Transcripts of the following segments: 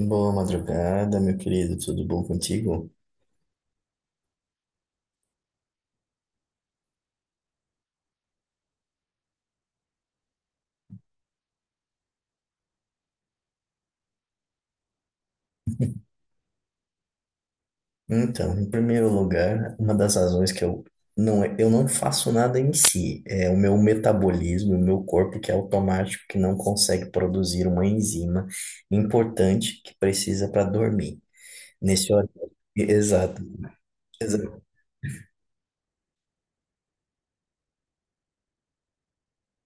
Boa madrugada, meu querido, tudo bom contigo? Então, em primeiro lugar, uma das razões que eu não faço nada em si, é o meu metabolismo, o meu corpo que é automático, que não consegue produzir uma enzima importante que precisa para dormir. Nesse horário. Exato. Exato.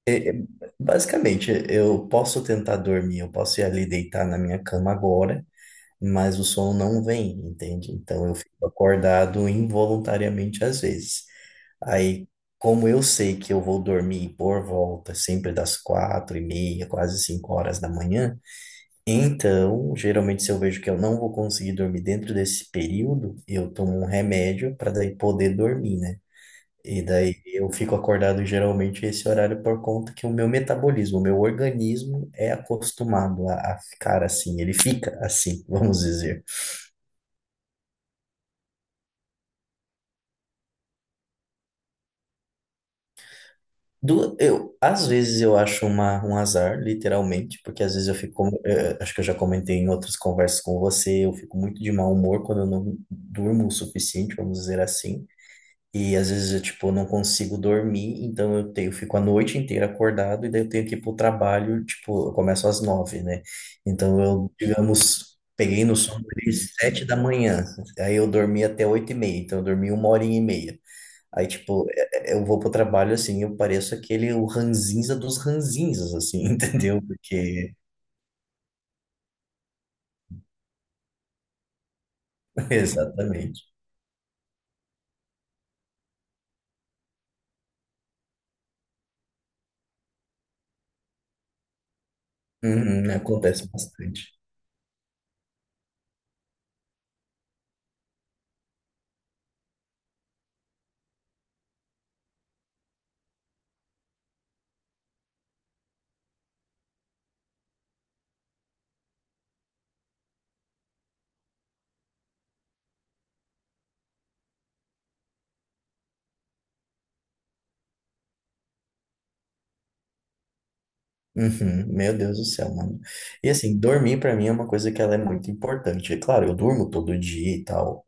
É, é. Basicamente, eu posso tentar dormir, eu posso ir ali deitar na minha cama agora, mas o som não vem, entende? Então eu fico acordado involuntariamente às vezes. Aí, como eu sei que eu vou dormir por volta sempre das 4h30, quase 5 horas da manhã, então geralmente se eu vejo que eu não vou conseguir dormir dentro desse período, eu tomo um remédio para daí poder dormir, né? E daí eu fico acordado geralmente esse horário por conta que o meu metabolismo, o meu organismo é acostumado a ficar assim, ele fica assim, vamos dizer. Às vezes eu acho uma, um azar, literalmente, porque às vezes eu fico, acho que eu já comentei em outras conversas com você, eu fico muito de mau humor quando eu não durmo o suficiente, vamos dizer assim. E às vezes eu, tipo, não consigo dormir, então eu tenho, eu fico a noite inteira acordado e daí eu tenho que ir pro trabalho, tipo, eu começo às 9h, né? Então eu, digamos, peguei no sono de 7h da manhã, aí eu dormi até 8h30, então eu dormi uma hora e meia. Aí, tipo, eu vou pro trabalho assim, eu pareço aquele o ranzinza dos ranzinzas, assim, entendeu? Porque, exatamente. Uhum, acontece bastante. Uhum, meu Deus do céu, mano. E assim, dormir pra mim é uma coisa que ela é muito importante. É claro, eu durmo todo dia e tal.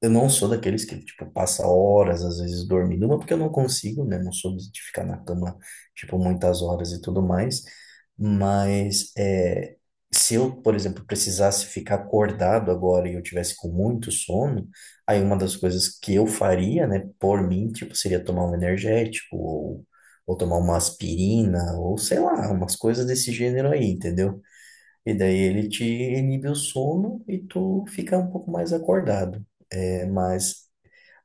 Eu não sou daqueles que, tipo, passa horas, às vezes, dormindo, não porque eu não consigo, né? Não sou de ficar na cama, tipo, muitas horas e tudo mais. Mas, é, se eu, por exemplo, precisasse ficar acordado agora e eu tivesse com muito sono, aí uma das coisas que eu faria, né, por mim, tipo, seria tomar um energético ou tomar uma aspirina ou, sei lá, umas coisas desse gênero aí, entendeu? E daí ele te inibe o sono e tu fica um pouco mais acordado. É, mas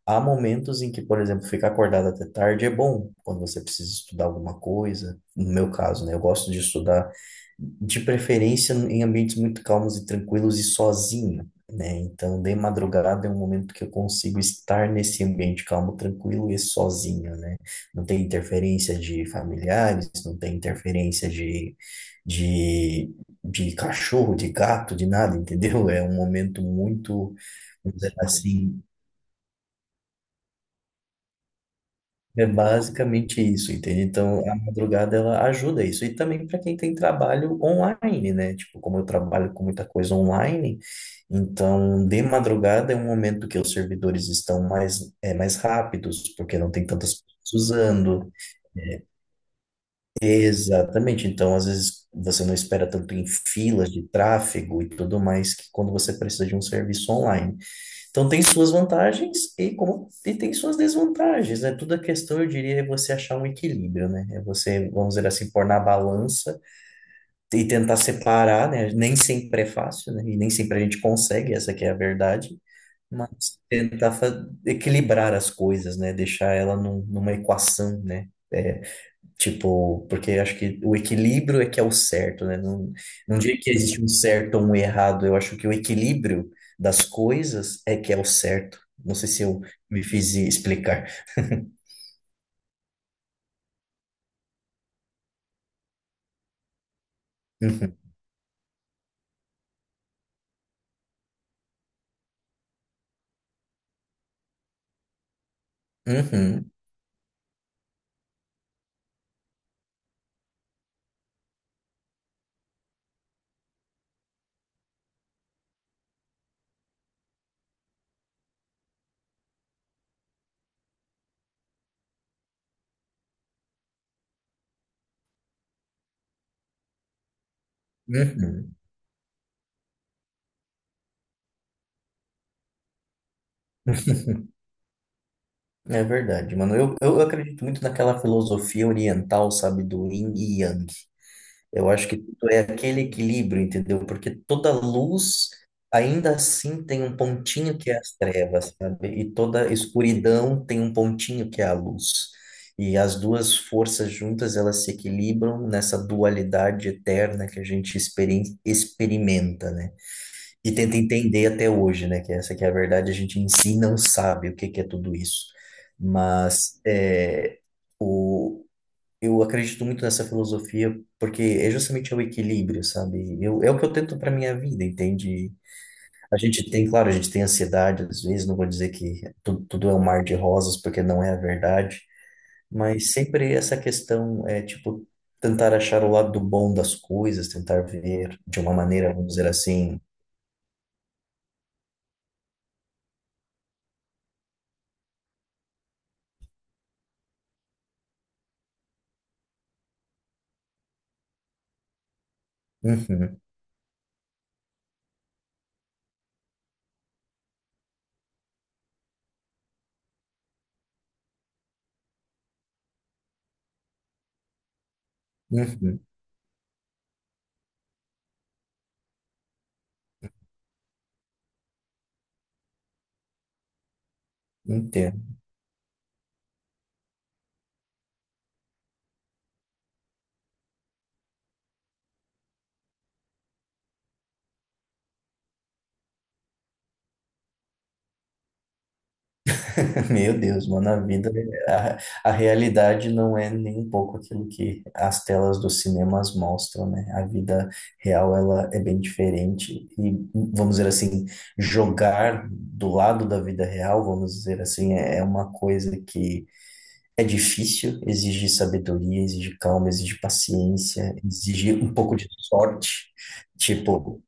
há momentos em que, por exemplo, ficar acordado até tarde é bom, quando você precisa estudar alguma coisa. No meu caso, né? Eu gosto de estudar de preferência em ambientes muito calmos e tranquilos e sozinho, né? Então, de madrugada é um momento que eu consigo estar nesse ambiente calmo, tranquilo e sozinho, né? Não tem interferência de familiares, não tem interferência de, de cachorro, de gato, de nada, entendeu? É um momento muito, vamos dizer assim. É basicamente isso, entende? Então, a madrugada ela ajuda isso. E também para quem tem trabalho online, né? Tipo, como eu trabalho com muita coisa online, então de madrugada é um momento que os servidores estão mais, é, mais rápidos, porque não tem tantas pessoas usando. Exatamente. Então, às vezes você não espera tanto em filas de tráfego e tudo mais que quando você precisa de um serviço online. Então tem suas vantagens e tem suas desvantagens, né? Tudo a questão, eu diria, é você achar um equilíbrio, né? É você, vamos dizer assim, pôr na balança e tentar separar, né? Nem sempre é fácil, né? E nem sempre a gente consegue, essa que é a verdade, mas tentar equilibrar as coisas, né? Deixar ela numa equação, né? É, tipo, porque acho que o equilíbrio é que é o certo, né? Não, não diria que existe um certo ou um errado, eu acho que o equilíbrio das coisas é que é o certo. Não sei se eu me fiz explicar. Uhum, uhum, uhum. É verdade, mano. Eu acredito muito naquela filosofia oriental, sabe, do yin e yang. Eu acho que tudo é aquele equilíbrio, entendeu? Porque toda luz ainda assim tem um pontinho que é as trevas, sabe? E toda escuridão tem um pontinho que é a luz. E as duas forças juntas, elas se equilibram nessa dualidade eterna que a gente experimenta, né? E tenta entender até hoje, né? Que essa que é a verdade, a gente em si não sabe o que que é tudo isso. Mas é, eu acredito muito nessa filosofia porque é justamente o equilíbrio, sabe? É o que eu tento para minha vida, entende? A gente tem, claro, a gente tem ansiedade às vezes, não vou dizer que tudo, tudo é um mar de rosas, porque não é a verdade, mas sempre essa questão é, tipo, tentar achar o lado do bom das coisas, tentar ver de uma maneira, vamos dizer assim, uhum, uhum, entendo. Meu Deus, mano, a vida, a realidade não é nem um pouco aquilo que as telas dos cinemas mostram, né? A vida real, ela é bem diferente e, vamos dizer assim, jogar do lado da vida real, vamos dizer assim, é uma coisa que é difícil, exige sabedoria, exige calma, exige paciência, exige um pouco de sorte, tipo,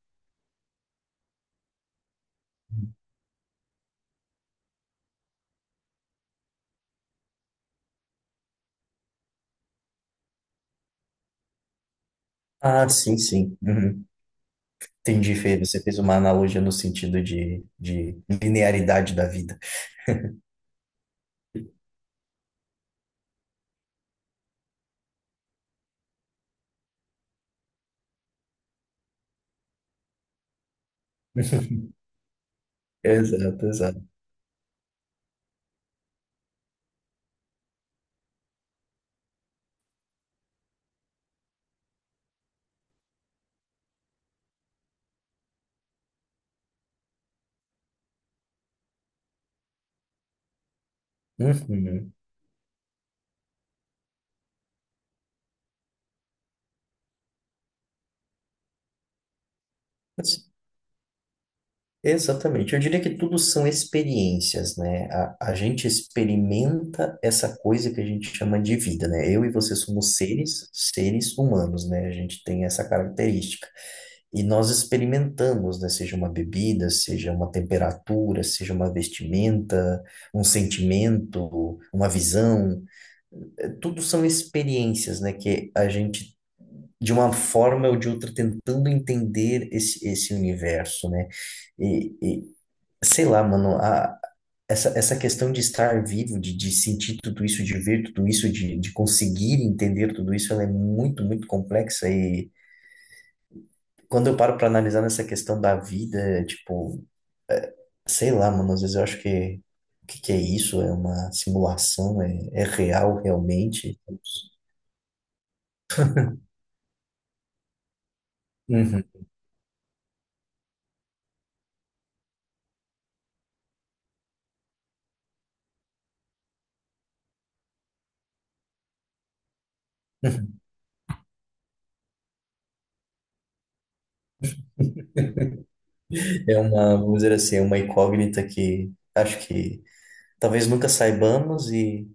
ah, sim, sim, uhum. Entendi, Fê. Você fez uma analogia no sentido de linearidade da vida. Exato, exato. Uhum. Exatamente. Eu diria que tudo são experiências, né? A gente experimenta essa coisa que a gente chama de vida, né? Eu e você somos seres, seres humanos, né? A gente tem essa característica. E nós experimentamos, né? Seja uma bebida, seja uma temperatura, seja uma vestimenta, um sentimento, uma visão. Tudo são experiências, né? Que a gente, de uma forma ou de outra, tentando entender esse universo, né? E, e- Sei lá, mano, a, essa questão de estar vivo, de sentir tudo isso, de ver tudo isso, de conseguir entender tudo isso, ela é muito, muito complexa. E quando eu paro para analisar nessa questão da vida, tipo, é, sei lá, mano, às vezes eu acho que o que, que é isso? É uma simulação? É real realmente? Uhum. É uma, vamos dizer assim, é uma incógnita que acho que talvez nunca saibamos e.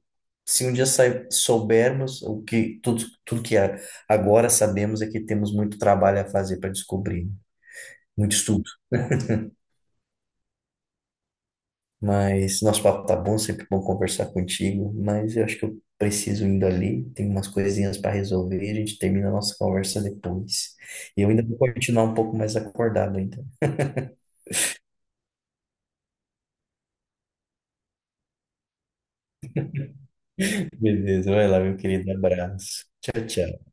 Se um dia soubermos o que tudo, tudo que agora sabemos é que temos muito trabalho a fazer para descobrir, né? Muito estudo. Mas nosso papo tá bom, sempre bom conversar contigo, mas eu acho que eu preciso indo ali, tem umas coisinhas para resolver, a gente termina a nossa conversa depois. E eu ainda vou continuar um pouco mais acordado ainda. Beleza, vai lá, meu querido, abraço. Tchau, tchau.